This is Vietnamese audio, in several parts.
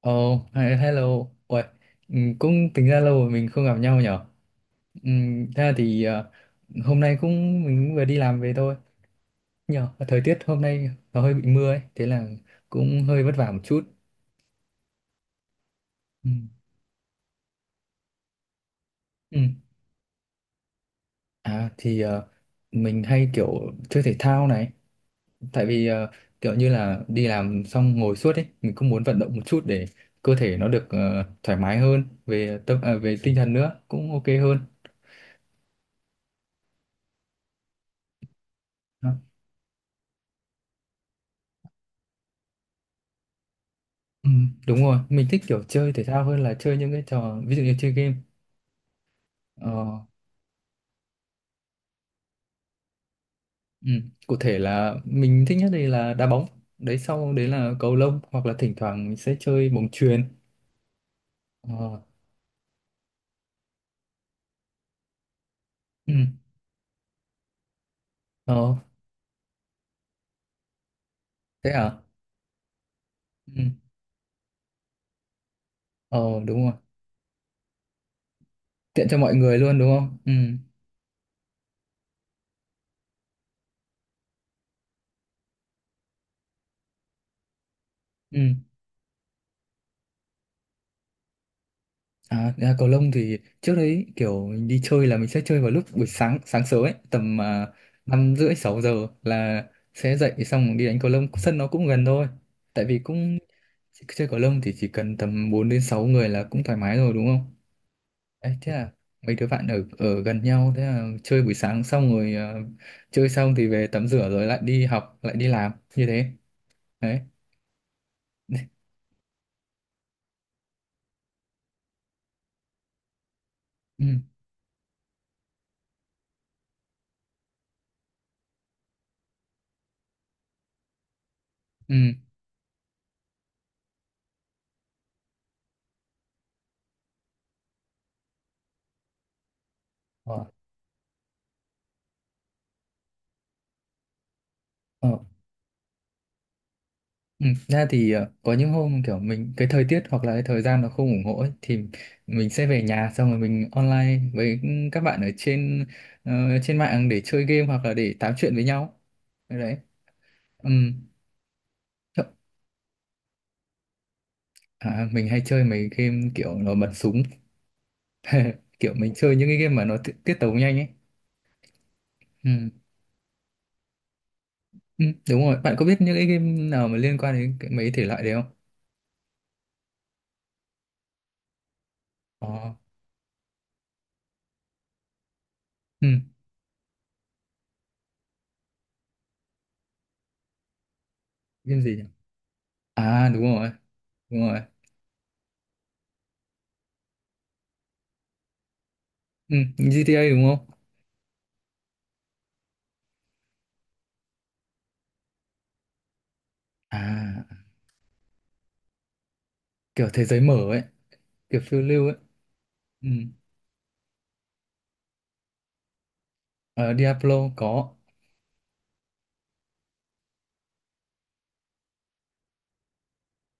Ồ, oh, hello. Uầy, cũng tính ra lâu rồi mình không gặp nhau nhở. Ừ, thế là hôm nay cũng mình vừa đi làm về thôi. Nhờ, thời tiết hôm nay nó hơi bị mưa ấy, thế là cũng hơi vất vả một chút. Ừ. Ừ. À mình hay kiểu chơi thể thao này, tại vì kiểu như là đi làm xong ngồi suốt ấy, mình cũng muốn vận động một chút để cơ thể nó được thoải mái hơn, về tinh thần nữa cũng ok hơn. Ừ, đúng rồi, mình thích kiểu chơi thể thao hơn là chơi những cái trò ví dụ như chơi game. Ờ, ừ. Cụ thể là mình thích nhất đây là đá bóng, đấy sau đấy là cầu lông hoặc là thỉnh thoảng mình sẽ chơi bóng chuyền. Ờ, ừ. Ờ, thế à? Ừ. Ờ, đúng rồi, tiện cho mọi người luôn đúng không? Ừ. Ừ. À, ra cầu lông thì trước đấy kiểu mình đi chơi là mình sẽ chơi vào lúc buổi sáng sáng sớm ấy tầm 5 rưỡi 6 giờ là sẽ dậy xong đi đánh cầu lông sân nó cũng gần thôi tại vì cũng chơi cầu lông thì chỉ cần tầm 4 đến 6 người là cũng thoải mái rồi đúng không? Đấy, thế là mấy đứa bạn ở ở gần nhau thế là chơi buổi sáng xong rồi, chơi xong thì về tắm rửa rồi lại đi học lại đi làm như thế đấy. Ừ, ừ, ờ, ờ. Ừ, ra có những hôm kiểu mình cái thời tiết hoặc là cái thời gian nó không ủng hộ ấy, thì mình sẽ về nhà xong rồi mình online với các bạn ờ, trên mạng để chơi game hoặc là để tám chuyện với nhau đấy đấy. Ừm. Chợ- mình hay chơi mấy game kiểu nó bắn súng. Kiểu mình chơi những cái game mà nó tiết tấu nhanh ấy. Ừ. Ừ, đúng rồi, bạn có biết những cái game nào mà liên quan đến cái, mấy thể loại đấy không? Ờ. Ừ. Game gì nhỉ? À, đúng rồi, đúng rồi. Ừ. GTA đúng không? À, kiểu thế giới mở ấy, kiểu phiêu lưu ấy. Ừ. Ở, Diablo có.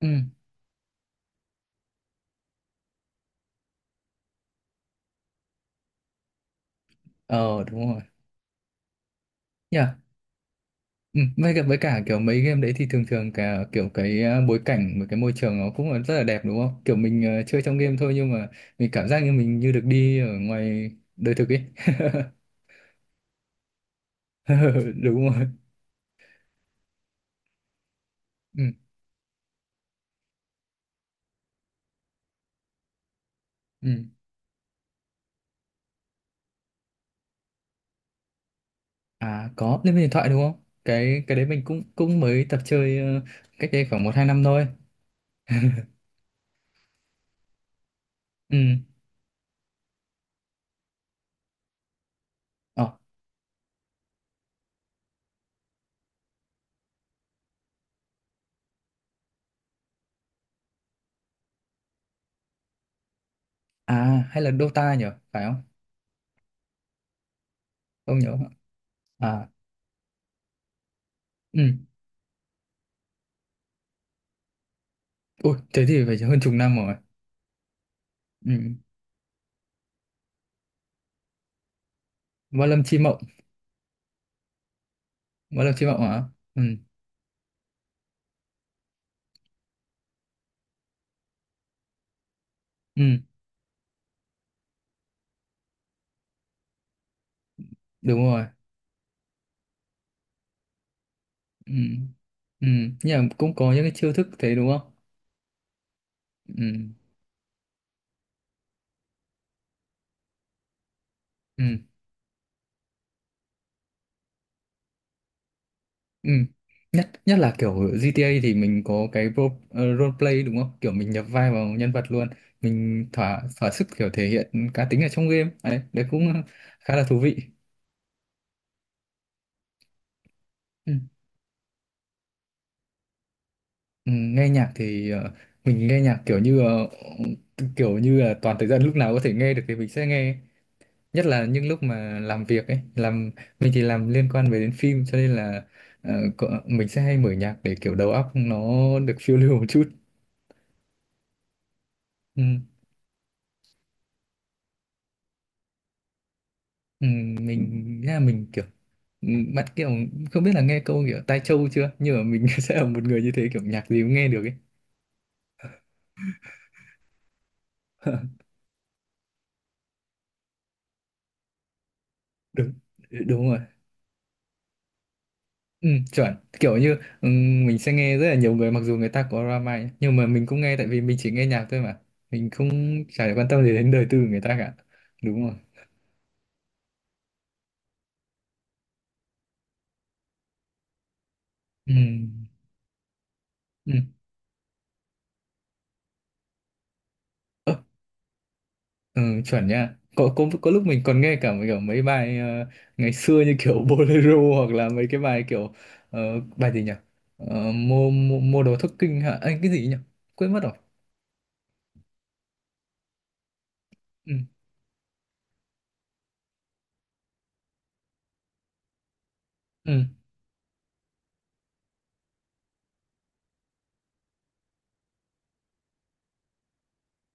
Ừ. Ờ, đúng rồi. Yeah. Ừ. với cả kiểu mấy game đấy thì thường thường cả kiểu cái bối cảnh và cái môi trường nó cũng là rất là đẹp đúng không, kiểu mình chơi trong game thôi nhưng mà mình cảm giác như mình như được đi ở ngoài đời thực ấy. Đúng rồi. Ừ. Ừ. À, có, lên điện thoại đúng không? Cái đấy mình cũng cũng mới tập chơi cách đây khoảng 1-2 năm thôi. Ừ. Ờ. À, hay là Dota nhỉ, phải không? Không nhớ. À, ừ. Ui, thế thì phải hơn chục năm rồi. Ừ. Võ Lâm Chi Mộng. Võ Lâm Chi Mộng hả? Ừ. Ừ, đúng rồi. Ừ. Ừ. Nhưng mà cũng có những cái chiêu thức thế đúng không? Ừ. Ừ. Ừ. Nhất nhất là kiểu GTA thì mình có cái role play đúng không? Kiểu mình nhập vai vào nhân vật luôn. Mình thỏa thỏa sức kiểu thể hiện cá tính ở trong game. Đấy, đấy cũng khá là thú vị. Ừ. Ừ, nghe nhạc thì mình nghe nhạc kiểu như kiểu như là toàn thời gian lúc nào có thể nghe được thì mình sẽ nghe, nhất là những lúc mà làm việc ấy, làm mình thì làm liên quan về đến phim cho nên là mình sẽ hay mở nhạc để kiểu đầu óc nó được phiêu lưu một chút. ừ, ừ, mình là mình kiểu ừ, bạn kiểu không biết là nghe câu kiểu tai trâu chưa nhưng mà mình sẽ là một người như thế, kiểu nhạc gì cũng nghe được ấy. Đúng, đúng rồi, ừ, chuẩn kiểu như ừ, mình sẽ nghe rất là nhiều người mặc dù người ta có drama ấy, nhưng mà mình cũng nghe tại vì mình chỉ nghe nhạc thôi mà mình không chả quan tâm gì đến đời tư của người ta cả. Đúng rồi. Ừ. Ừ. Ơ, ừ, chuẩn nha. Có, lúc mình còn nghe cả kiểu mấy bài ngày xưa như kiểu Bolero hoặc là mấy cái bài kiểu bài gì nhỉ? Ờ, mua, mua mua đồ thất kinh hả? Anh cái gì nhỉ? Quên mất rồi. Ừ. Ừ.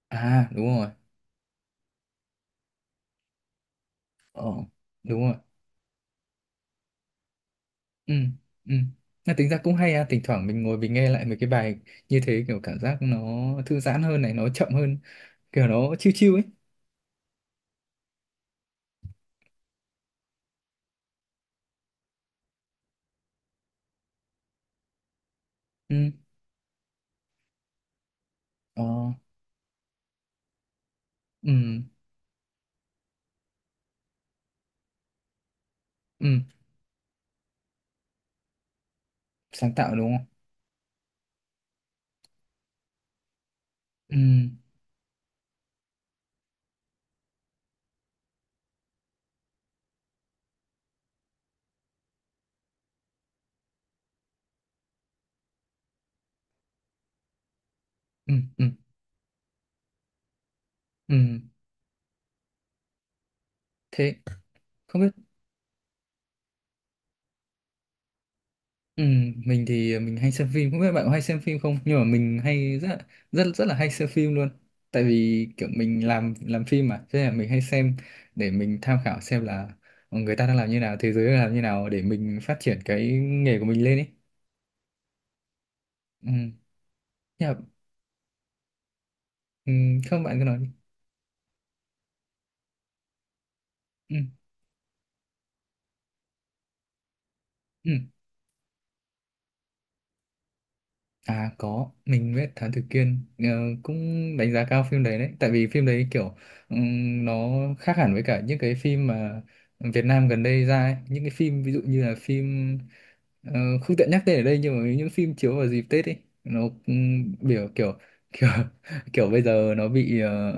À, đúng rồi. Ờ, đúng rồi. Ừ. Ừ. Mà tính ra cũng hay à, thỉnh thoảng mình ngồi mình nghe lại mấy cái bài như thế kiểu cảm giác nó thư giãn hơn này, nó chậm hơn, kiểu nó chill chill ấy. Ừ. Ờ. Ừ. Ừ. Sáng tạo đúng không? Ừ. Ừ. Ừ. Ừ. Thế không biết, ừ, mình thì mình hay xem phim, không biết bạn có hay xem phim không, nhưng mà mình hay rất rất rất là hay xem phim luôn, tại vì kiểu mình làm phim mà, thế là mình hay xem để mình tham khảo xem là người ta đang làm như nào, thế giới đang làm như nào, để mình phát triển cái nghề của mình lên ấy. Ừ. Nhưng mà, ừ, không, bạn cứ nói đi. Ừ. Ừ. À, có, mình biết Thám Tử Kiên, cũng đánh giá cao phim đấy đấy, tại vì phim đấy kiểu nó khác hẳn với cả những cái phim mà Việt Nam gần đây ra ấy. Những cái phim ví dụ như là phim ờ, không tiện nhắc tên ở đây nhưng mà những phim chiếu vào dịp Tết ấy, nó biểu kiểu kiểu kiểu bây giờ nó bị ờ,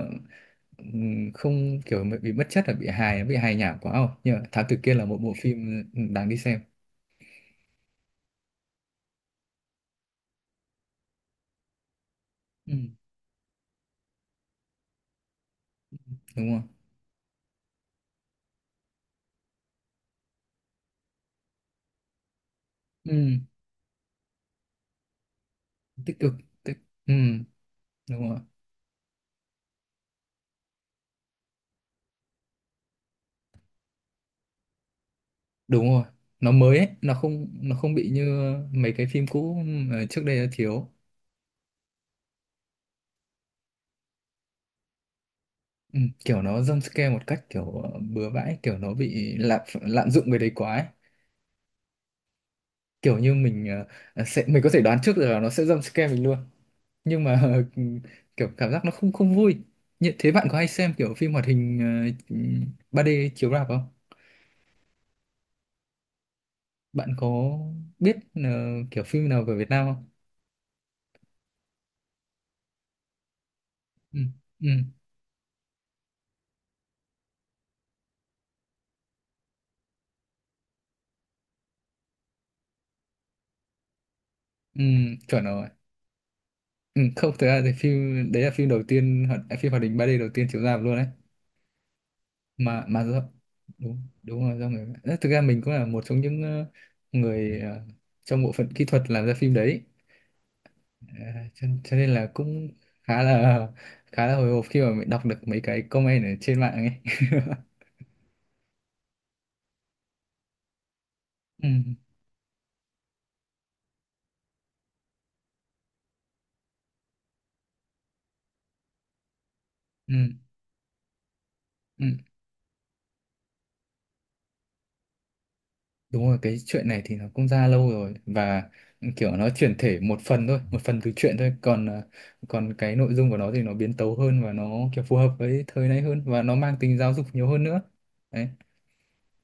ừm, không, kiểu bị mất chất, là bị hài, nó bị hài nhảm quá không? Nhưng mà Thám Tử Kiên là một bộ phim đáng đi xem. Ừ, đúng không? Ừ, tích cực. tích- Ừ. Đúng rồi, đúng rồi, nó mới ấy. Nó không bị như mấy cái phim cũ mà trước đây đã thiếu. ừ, Kiểu nó jump scare một cách kiểu bừa bãi, kiểu nó bị lạm lạm dụng cái đấy quá ấy. Kiểu như mình sẽ mình có thể đoán trước được là nó sẽ jump scare mình luôn nhưng mà kiểu cảm giác nó không không vui. Như thế bạn có hay xem kiểu phim hoạt hình ờ, 3D chiếu rạp không, bạn có biết kiểu phim nào về Việt Nam không? Ừ. Ừ. Ừ. Chuẩn rồi. Ừ, không, thực ra thì phim đấy là phim đầu tiên phim hoạt hình 3D đầu tiên chiếu rạp luôn đấy, mà do, đúng đúng là do người. Đấy, thực ra mình cũng là một trong những người trong bộ phận kỹ thuật làm ra phim đấy. À, cho nên là cũng khá là khá là hồi hộp khi mà mình đọc được mấy cái comment ở trên mạng ấy. Ừ, ừ, ừ. Đúng rồi, cái chuyện này thì nó cũng ra lâu rồi, và kiểu nó chuyển thể một phần thôi, một phần từ chuyện thôi, còn cái nội dung của nó thì nó biến tấu hơn và nó kiểu phù hợp với thời nay hơn và nó mang tính giáo dục nhiều hơn nữa. Đấy.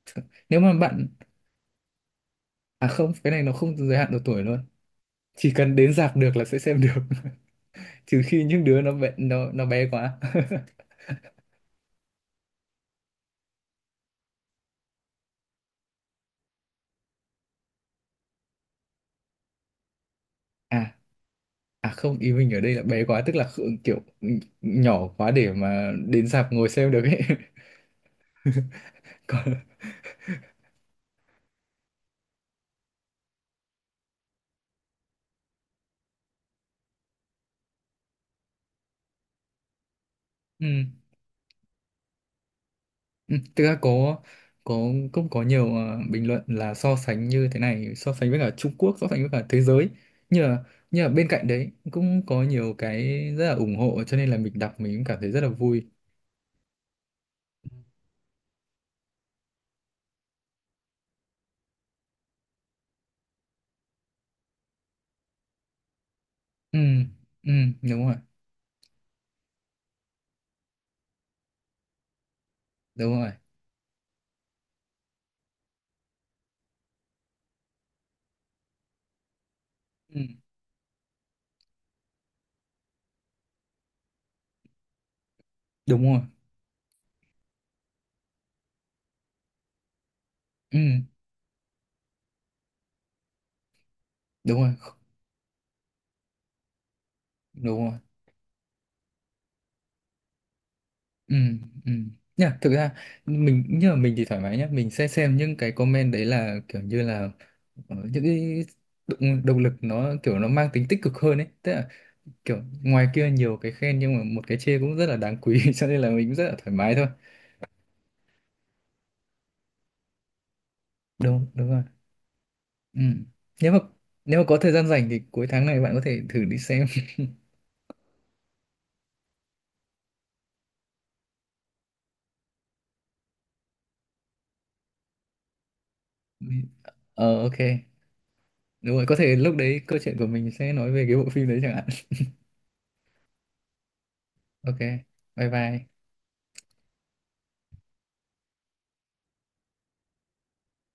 Th- Nếu mà bạn à không, Cái này nó không giới hạn độ tuổi luôn. Chỉ cần đến rạp được là sẽ xem được, trừ khi những đứa nó bé nó bé quá. À, à, không, ý mình ở đây là bé quá tức là kiểu nhỏ quá để mà đến rạp ngồi xem được ấy. Còn. Ừ. Ừ, thực ra có cũng có nhiều bình luận là so sánh như thế này, so sánh với cả Trung Quốc, so sánh với cả thế giới, như là, như là bên cạnh đấy cũng có nhiều cái rất là ủng hộ cho nên là mình đọc mình cũng cảm thấy rất là vui. Ừ. Ừ. Đúng rồi. Đúng rồi. Ừ. Đúng rồi. Ừ. Đúng rồi, đúng rồi. Ừ. Ừ, nhá, thực ra mình như là mình thì thoải mái nhá, mình sẽ xem những cái comment đấy là kiểu như là những cái động lực, nó kiểu nó mang tính tích cực hơn ấy, tức là kiểu ngoài kia nhiều cái khen nhưng mà một cái chê cũng rất là đáng quý. Cho nên là mình cũng rất là thoải mái thôi. Đúng, đúng rồi. Ừ. nếu mà nếu mà có thời gian rảnh thì cuối tháng này bạn có thể thử đi xem. Ờ, ok, đúng rồi, có thể lúc đấy câu chuyện của mình sẽ nói về cái bộ phim đấy chẳng hạn. Ok, bye bye.